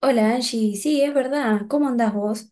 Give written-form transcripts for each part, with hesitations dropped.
Hola Angie, sí, es verdad, ¿cómo andás vos?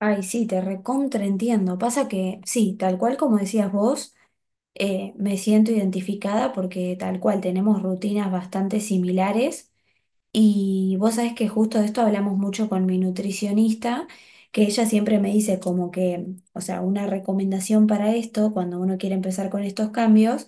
Ay, sí, te recontra entiendo. Pasa que, sí, tal cual como decías vos, me siento identificada porque tal cual tenemos rutinas bastante similares y vos sabés que justo de esto hablamos mucho con mi nutricionista, que ella siempre me dice como que, o sea, una recomendación para esto, cuando uno quiere empezar con estos cambios.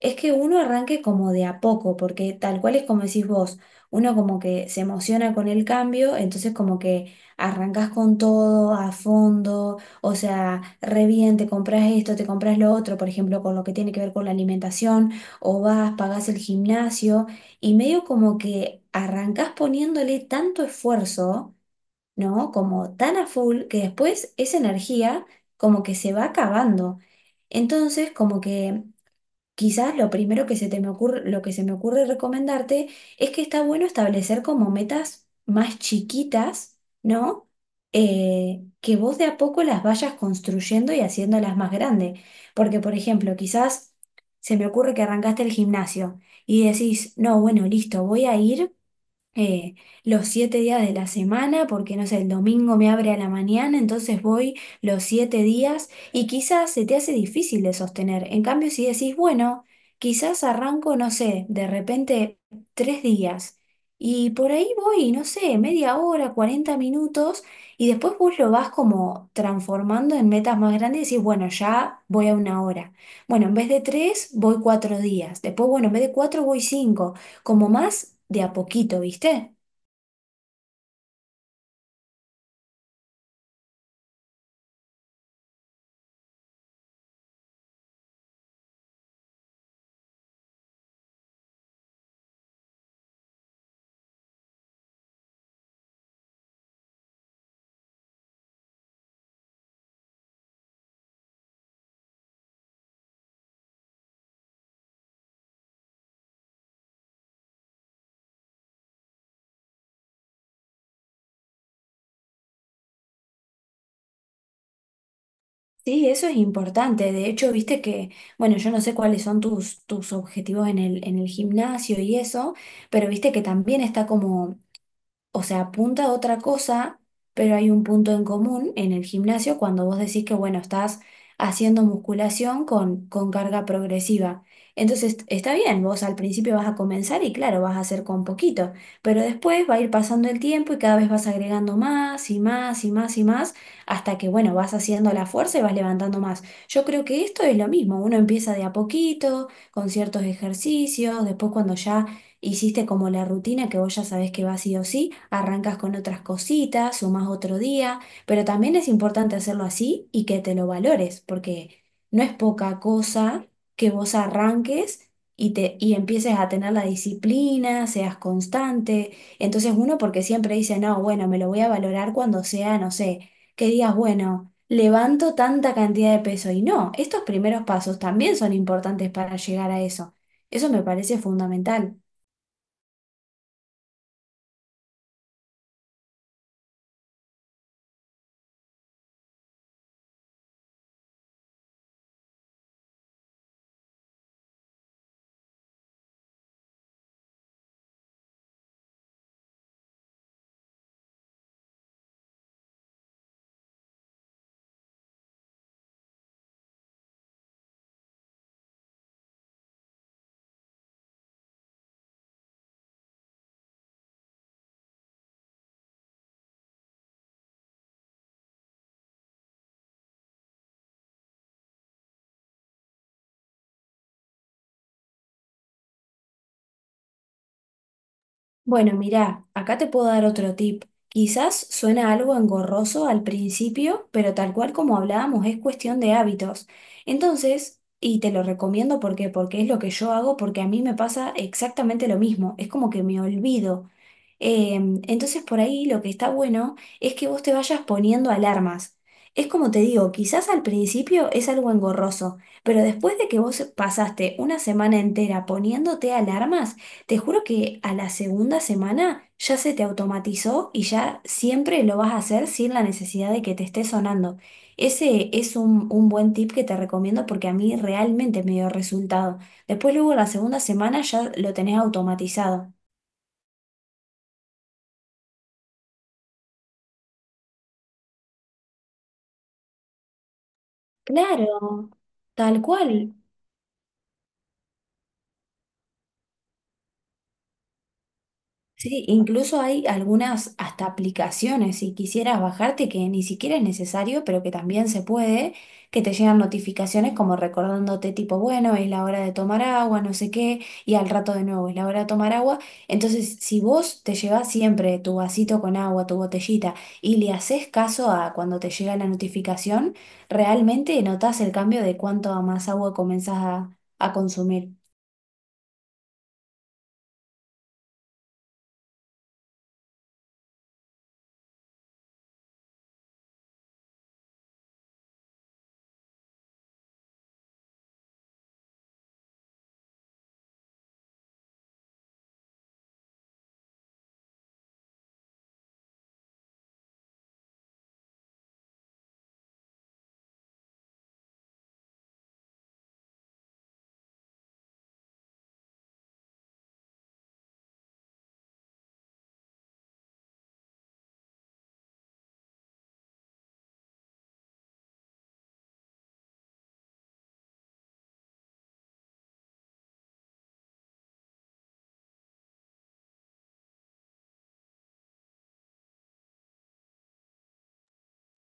Es que uno arranque como de a poco, porque tal cual es como decís vos, uno como que se emociona con el cambio, entonces como que arrancas con todo a fondo, o sea, re bien, te compras esto, te compras lo otro, por ejemplo, con lo que tiene que ver con la alimentación, o vas, pagás el gimnasio, y medio como que arrancas poniéndole tanto esfuerzo, ¿no? Como tan a full, que después esa energía como que se va acabando. Entonces, como que quizás lo primero que se me ocurre recomendarte es que está bueno establecer como metas más chiquitas, ¿no? Que vos de a poco las vayas construyendo y haciéndolas más grandes. Porque, por ejemplo, quizás se me ocurre que arrancaste el gimnasio y decís, no, bueno, listo, voy a ir eh, los siete días de la semana, porque no sé, el domingo me abre a la mañana, entonces voy los 7 días y quizás se te hace difícil de sostener. En cambio, si decís, bueno, quizás arranco, no sé, de repente 3 días y por ahí voy, no sé, media hora, 40 minutos, y después vos lo vas como transformando en metas más grandes y decís, bueno, ya voy a una hora. Bueno, en vez de tres, voy 4 días. Después, bueno, en vez de cuatro, voy cinco, como más de a poquito, ¿viste? Sí, eso es importante. De hecho, viste que, bueno, yo no sé cuáles son tus objetivos en el gimnasio y eso, pero viste que también está como, o sea, apunta a otra cosa, pero hay un punto en común en el gimnasio cuando vos decís que, bueno, estás haciendo musculación con carga progresiva. Entonces, está bien, vos al principio vas a comenzar y claro, vas a hacer con poquito, pero después va a ir pasando el tiempo y cada vez vas agregando más y más y más y más hasta que, bueno, vas haciendo la fuerza y vas levantando más. Yo creo que esto es lo mismo, uno empieza de a poquito, con ciertos ejercicios, después cuando ya hiciste como la rutina que vos ya sabés que va sí o sí, arrancas con otras cositas, sumás otro día, pero también es importante hacerlo así y que te lo valores, porque no es poca cosa que vos arranques y empieces a tener la disciplina, seas constante. Entonces uno porque siempre dice, no, bueno, me lo voy a valorar cuando sea, no sé, que digas, bueno, levanto tanta cantidad de peso. Y no, estos primeros pasos también son importantes para llegar a eso. Eso me parece fundamental. Bueno, mirá, acá te puedo dar otro tip. Quizás suena algo engorroso al principio, pero tal cual como hablábamos, es cuestión de hábitos. Entonces, y te lo recomiendo porque es lo que yo hago, porque a mí me pasa exactamente lo mismo. Es como que me olvido. Entonces, por ahí lo que está bueno es que vos te vayas poniendo alarmas. Es como te digo, quizás al principio es algo engorroso, pero después de que vos pasaste una semana entera poniéndote alarmas, te juro que a la segunda semana ya se te automatizó y ya siempre lo vas a hacer sin la necesidad de que te esté sonando. Ese es un buen tip que te recomiendo porque a mí realmente me dio resultado. Después luego la segunda semana ya lo tenés automatizado. Claro, tal cual. Sí, incluso hay algunas hasta aplicaciones, si quisieras bajarte, que ni siquiera es necesario, pero que también se puede, que te llegan notificaciones como recordándote tipo, bueno, es la hora de tomar agua, no sé qué, y al rato de nuevo es la hora de tomar agua. Entonces, si vos te llevas siempre tu vasito con agua, tu botellita, y le haces caso a cuando te llega la notificación, realmente notás el cambio de cuánto más agua comenzás a consumir.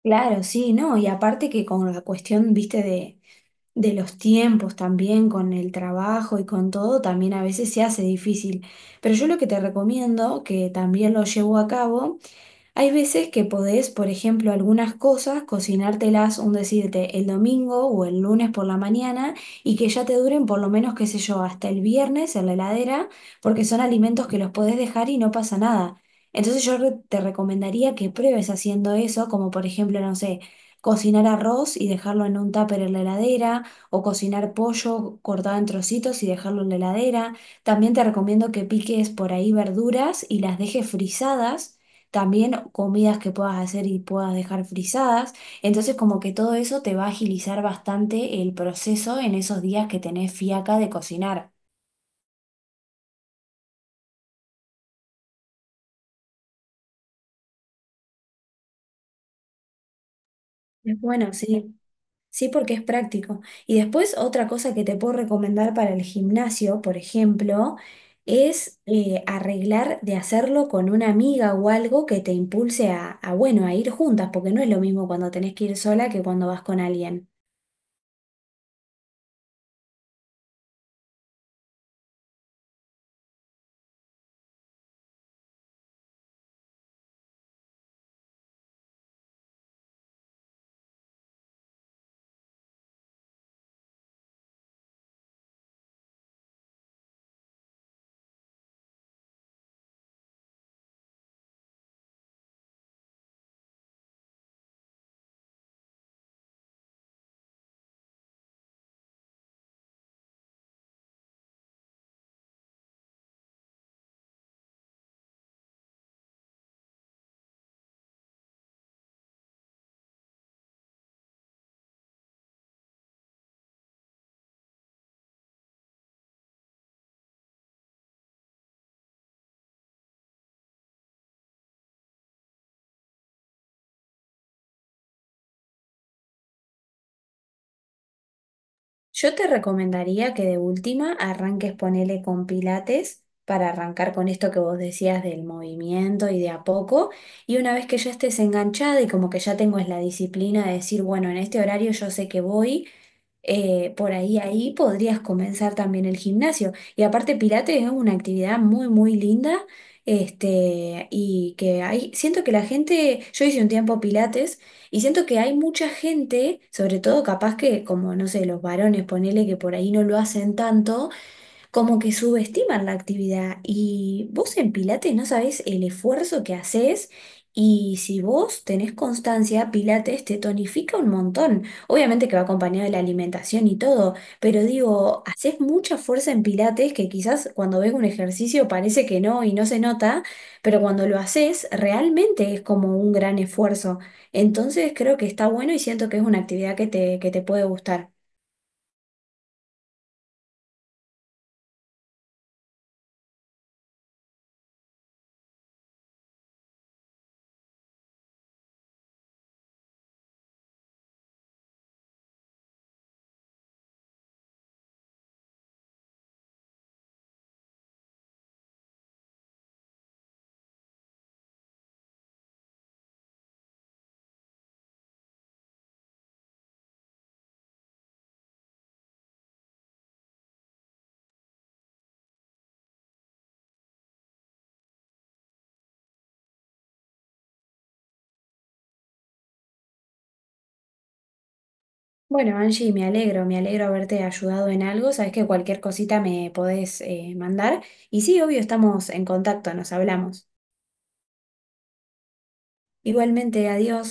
Claro, sí, no, y aparte que con la cuestión, viste, de los tiempos también, con el trabajo y con todo, también a veces se hace difícil. Pero yo lo que te recomiendo, que también lo llevo a cabo, hay veces que podés, por ejemplo, algunas cosas, cocinártelas, un decirte, el domingo o el lunes por la mañana, y que ya te duren por lo menos, qué sé yo, hasta el viernes en la heladera, porque son alimentos que los podés dejar y no pasa nada. Entonces yo te recomendaría que pruebes haciendo eso, como por ejemplo, no sé, cocinar arroz y dejarlo en un tupper en la heladera, o cocinar pollo cortado en trocitos y dejarlo en la heladera. También te recomiendo que piques por ahí verduras y las dejes frisadas, también comidas que puedas hacer y puedas dejar frisadas. Entonces como que todo eso te va a agilizar bastante el proceso en esos días que tenés fiaca de cocinar. Es bueno, sí. Sí, porque es práctico. Y después otra cosa que te puedo recomendar para el gimnasio, por ejemplo, es arreglar de hacerlo con una amiga o algo que te impulse bueno, a ir juntas, porque no es lo mismo cuando tenés que ir sola que cuando vas con alguien. Yo te recomendaría que de última arranques ponele con pilates para arrancar con esto que vos decías del movimiento y de a poco. Y una vez que ya estés enganchada y como que ya tengo es la disciplina de decir, bueno, en este horario yo sé que voy, ahí podrías comenzar también el gimnasio. Y aparte, Pilates es una actividad muy, muy linda. Este, y que hay, siento que la gente, yo hice un tiempo Pilates y siento que hay mucha gente, sobre todo capaz que, como no sé, los varones, ponele que por ahí no lo hacen tanto, como que subestiman la actividad y vos en Pilates no sabés el esfuerzo que haces, y si vos tenés constancia, Pilates te tonifica un montón. Obviamente que va acompañado de la alimentación y todo, pero digo, haces mucha fuerza en Pilates que quizás cuando ves un ejercicio parece que no y no se nota, pero cuando lo haces realmente es como un gran esfuerzo. Entonces creo que está bueno y siento que es una actividad que te puede gustar. Bueno, Angie, me alegro haberte ayudado en algo. Sabes que cualquier cosita me podés mandar. Y sí, obvio, estamos en contacto, nos hablamos. Igualmente, adiós.